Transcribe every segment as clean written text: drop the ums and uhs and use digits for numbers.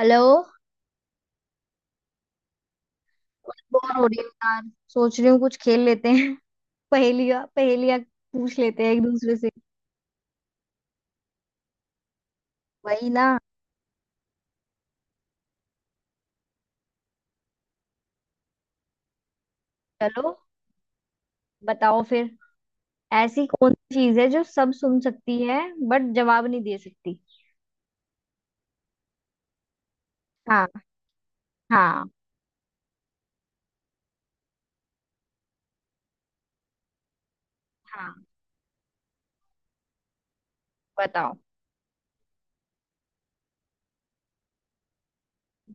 Hello. Bore हो रही हूँ यार। सोच रही हूँ कुछ खेल लेते हैं। पहेलियाँ पहेलियाँ पूछ लेते हैं एक दूसरे से। वही ना। चलो बताओ फिर। ऐसी कौन सी चीज है जो सब सुन सकती है बट जवाब नहीं दे सकती। हाँ, हाँ, हाँ, बताओ।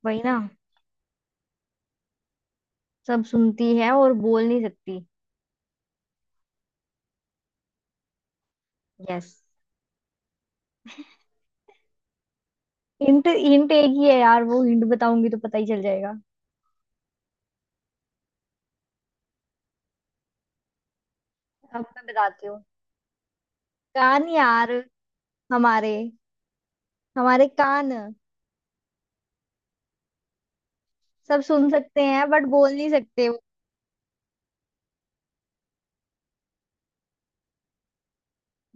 वही ना। सब सुनती है और बोल नहीं सकती। यस। हिंट हिंट एक ही है यार, वो हिंट बताऊंगी तो पता ही चल जाएगा। अब मैं बताती हूँ। कान यार। हमारे हमारे कान सब सुन सकते हैं बट बोल नहीं सकते।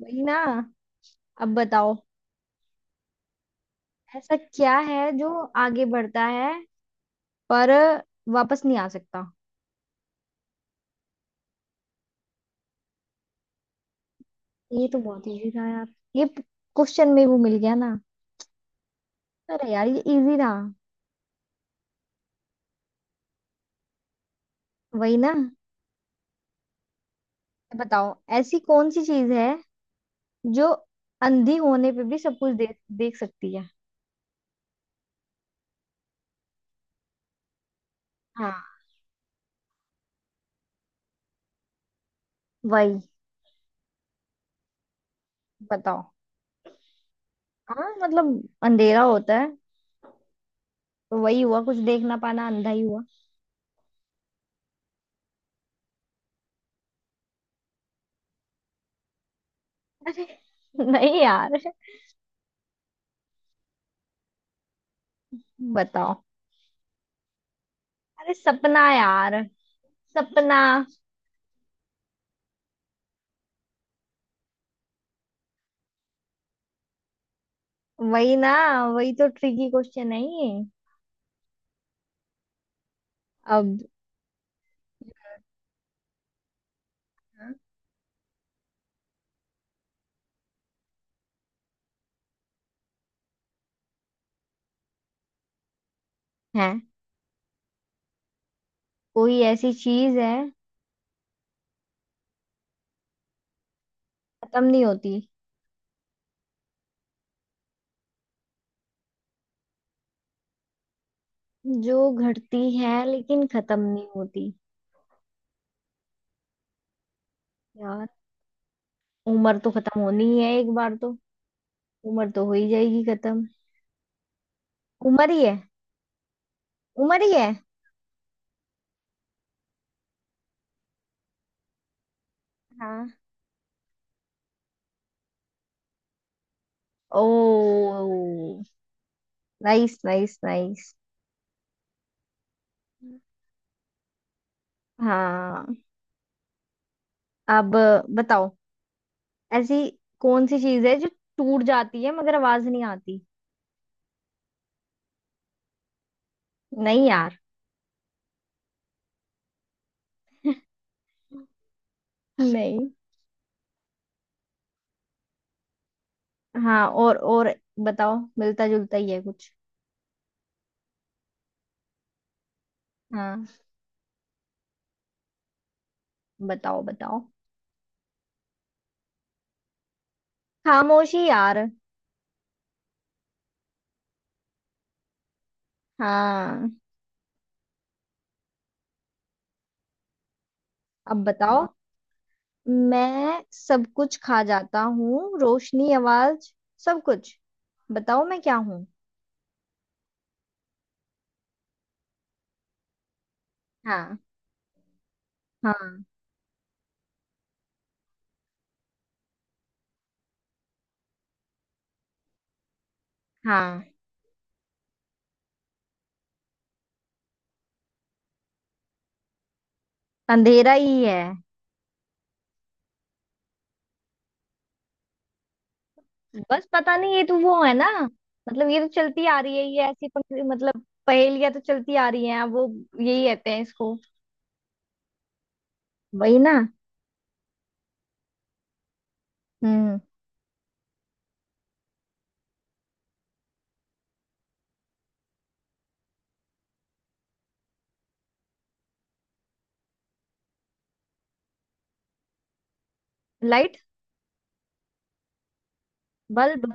वही ना। अब बताओ। ऐसा क्या है जो आगे बढ़ता है पर वापस नहीं आ सकता। ये तो बहुत इजी था यार। ये क्वेश्चन में वो मिल गया ना। अरे यार, ये इजी था। वही ना। बताओ ऐसी कौन सी चीज है जो अंधी होने पे भी सब कुछ देख देख सकती है। हाँ, वही। बताओ। हाँ, मतलब अंधेरा होता है तो वही हुआ, कुछ देख ना पाना अंधा ही हुआ। अरे, नहीं यार। बताओ। अरे सपना यार, सपना। वही ना, वही तो ट्रिकी क्वेश्चन है ये। अब हाँ। है। कोई ऐसी चीज है, खत्म नहीं होती, जो घटती है लेकिन खत्म नहीं होती। यार उम्र तो खत्म होनी ही है एक बार तो। उम्र तो हो ही जाएगी खत्म। उम्र ही है। उम्र ही है। हाँ। ओ। Nice, nice, nice. हाँ, अब बताओ। ऐसी कौन सी चीज है जो टूट जाती है मगर आवाज नहीं आती। नहीं यार। नहीं। हाँ, और बताओ, मिलता जुलता ही है कुछ। हाँ, बताओ बताओ। खामोशी यार। हाँ, अब बताओ। मैं सब कुछ खा जाता हूँ, रोशनी, आवाज, सब कुछ। बताओ मैं क्या हूँ। हाँ। हाँ। हाँ, अंधेरा ही है। बस पता नहीं, ये तो वो है ना, मतलब ये तो चलती आ रही है, ये ऐसी पंक्ति, मतलब पहेलियां तो चलती आ रही हैं, अब वो यही कहते हैं इसको। वही ना। हम्म लाइट। बल्ब।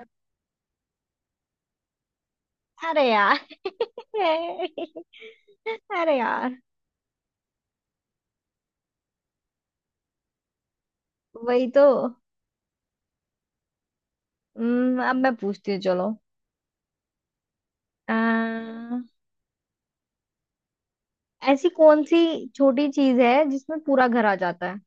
अरे यार। है। अरे यार। वही तो। अब मैं पूछती हूँ, चलो। अह, ऐसी कौन सी छोटी चीज है जिसमें पूरा घर आ जाता है।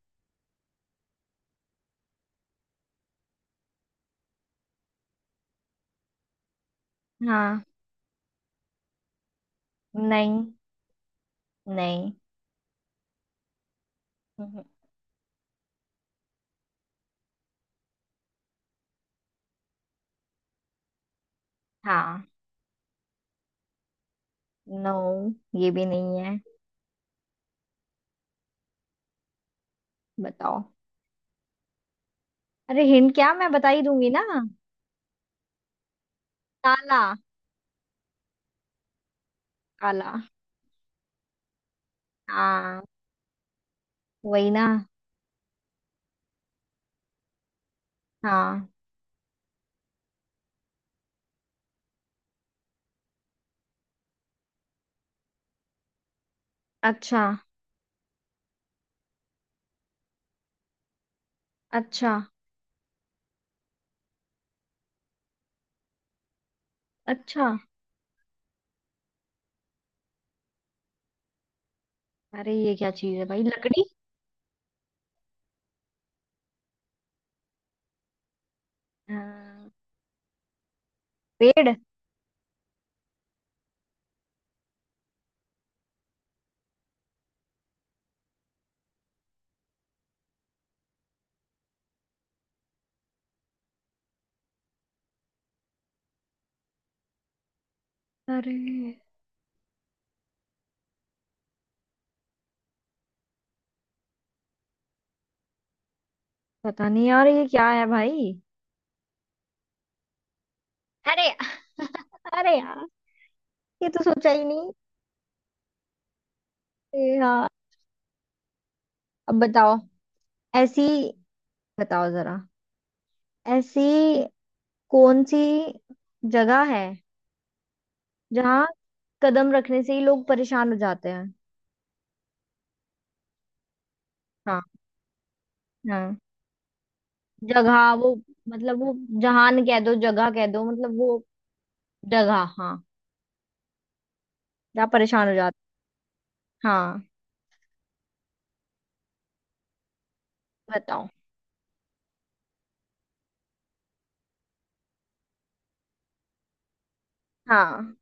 हाँ। नहीं। नहीं। हम्म। हाँ। नो, ये भी नहीं है। बताओ। अरे हिंट क्या, मैं बता ही दूंगी ना। ताला। ताला। हाँ। वही ना। हाँ। अच्छा, अच्छा, अच्छा। अरे ये क्या चीज है भाई, लकड़ी। अह, पेड़। अरे पता नहीं यार, ये क्या है भाई। अरे। अरे यार, ये तो सोचा ही नहीं। ए, हाँ। अब बताओ। ऐसी। बताओ जरा। ऐसी कौन सी जगह है जहाँ कदम रखने से ही लोग परेशान हो जाते हैं। हाँ। हाँ। जगह, वो मतलब वो, जहान कह दो जगह कह दो, मतलब वो जगह, हाँ, जहाँ परेशान हो जाते हैं। हाँ, बताओ। हाँ,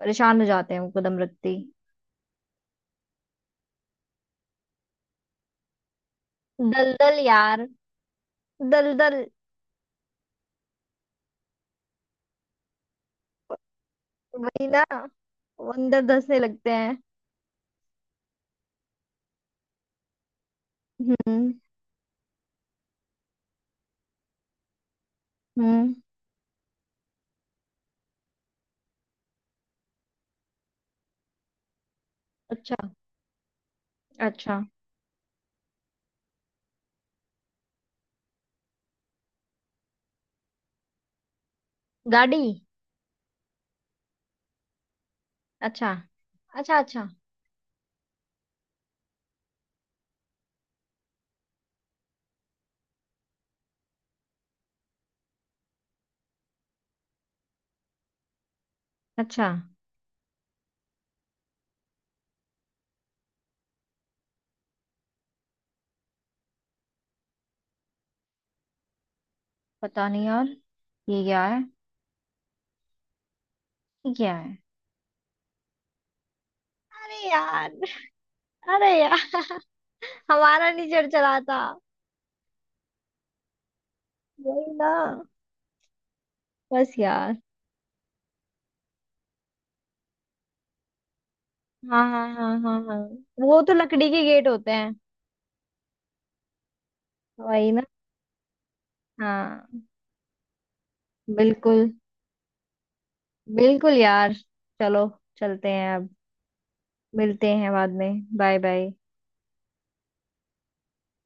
परेशान हो जाते हैं वो कदम रखते ही। दलदल यार, दलदल। वही ना, अंदर धंसने लगते हैं। हम्म। हम्म। अच्छा, अच्छा। गाड़ी। अच्छा, अच्छा। अच्छा, अच्छा। पता नहीं यार, ये क्या है, ये क्या है। अरे यार, अरे यार। हमारा नहीं चढ़ चला था। वही ना। बस यार। हाँ, हाँ, हाँ, हाँ, हाँ। वो तो लकड़ी के गेट होते हैं। वही ना। हाँ। बिल्कुल। बिल्कुल यार। चलो, चलते हैं अब। मिलते हैं बाद में, बाय बाय।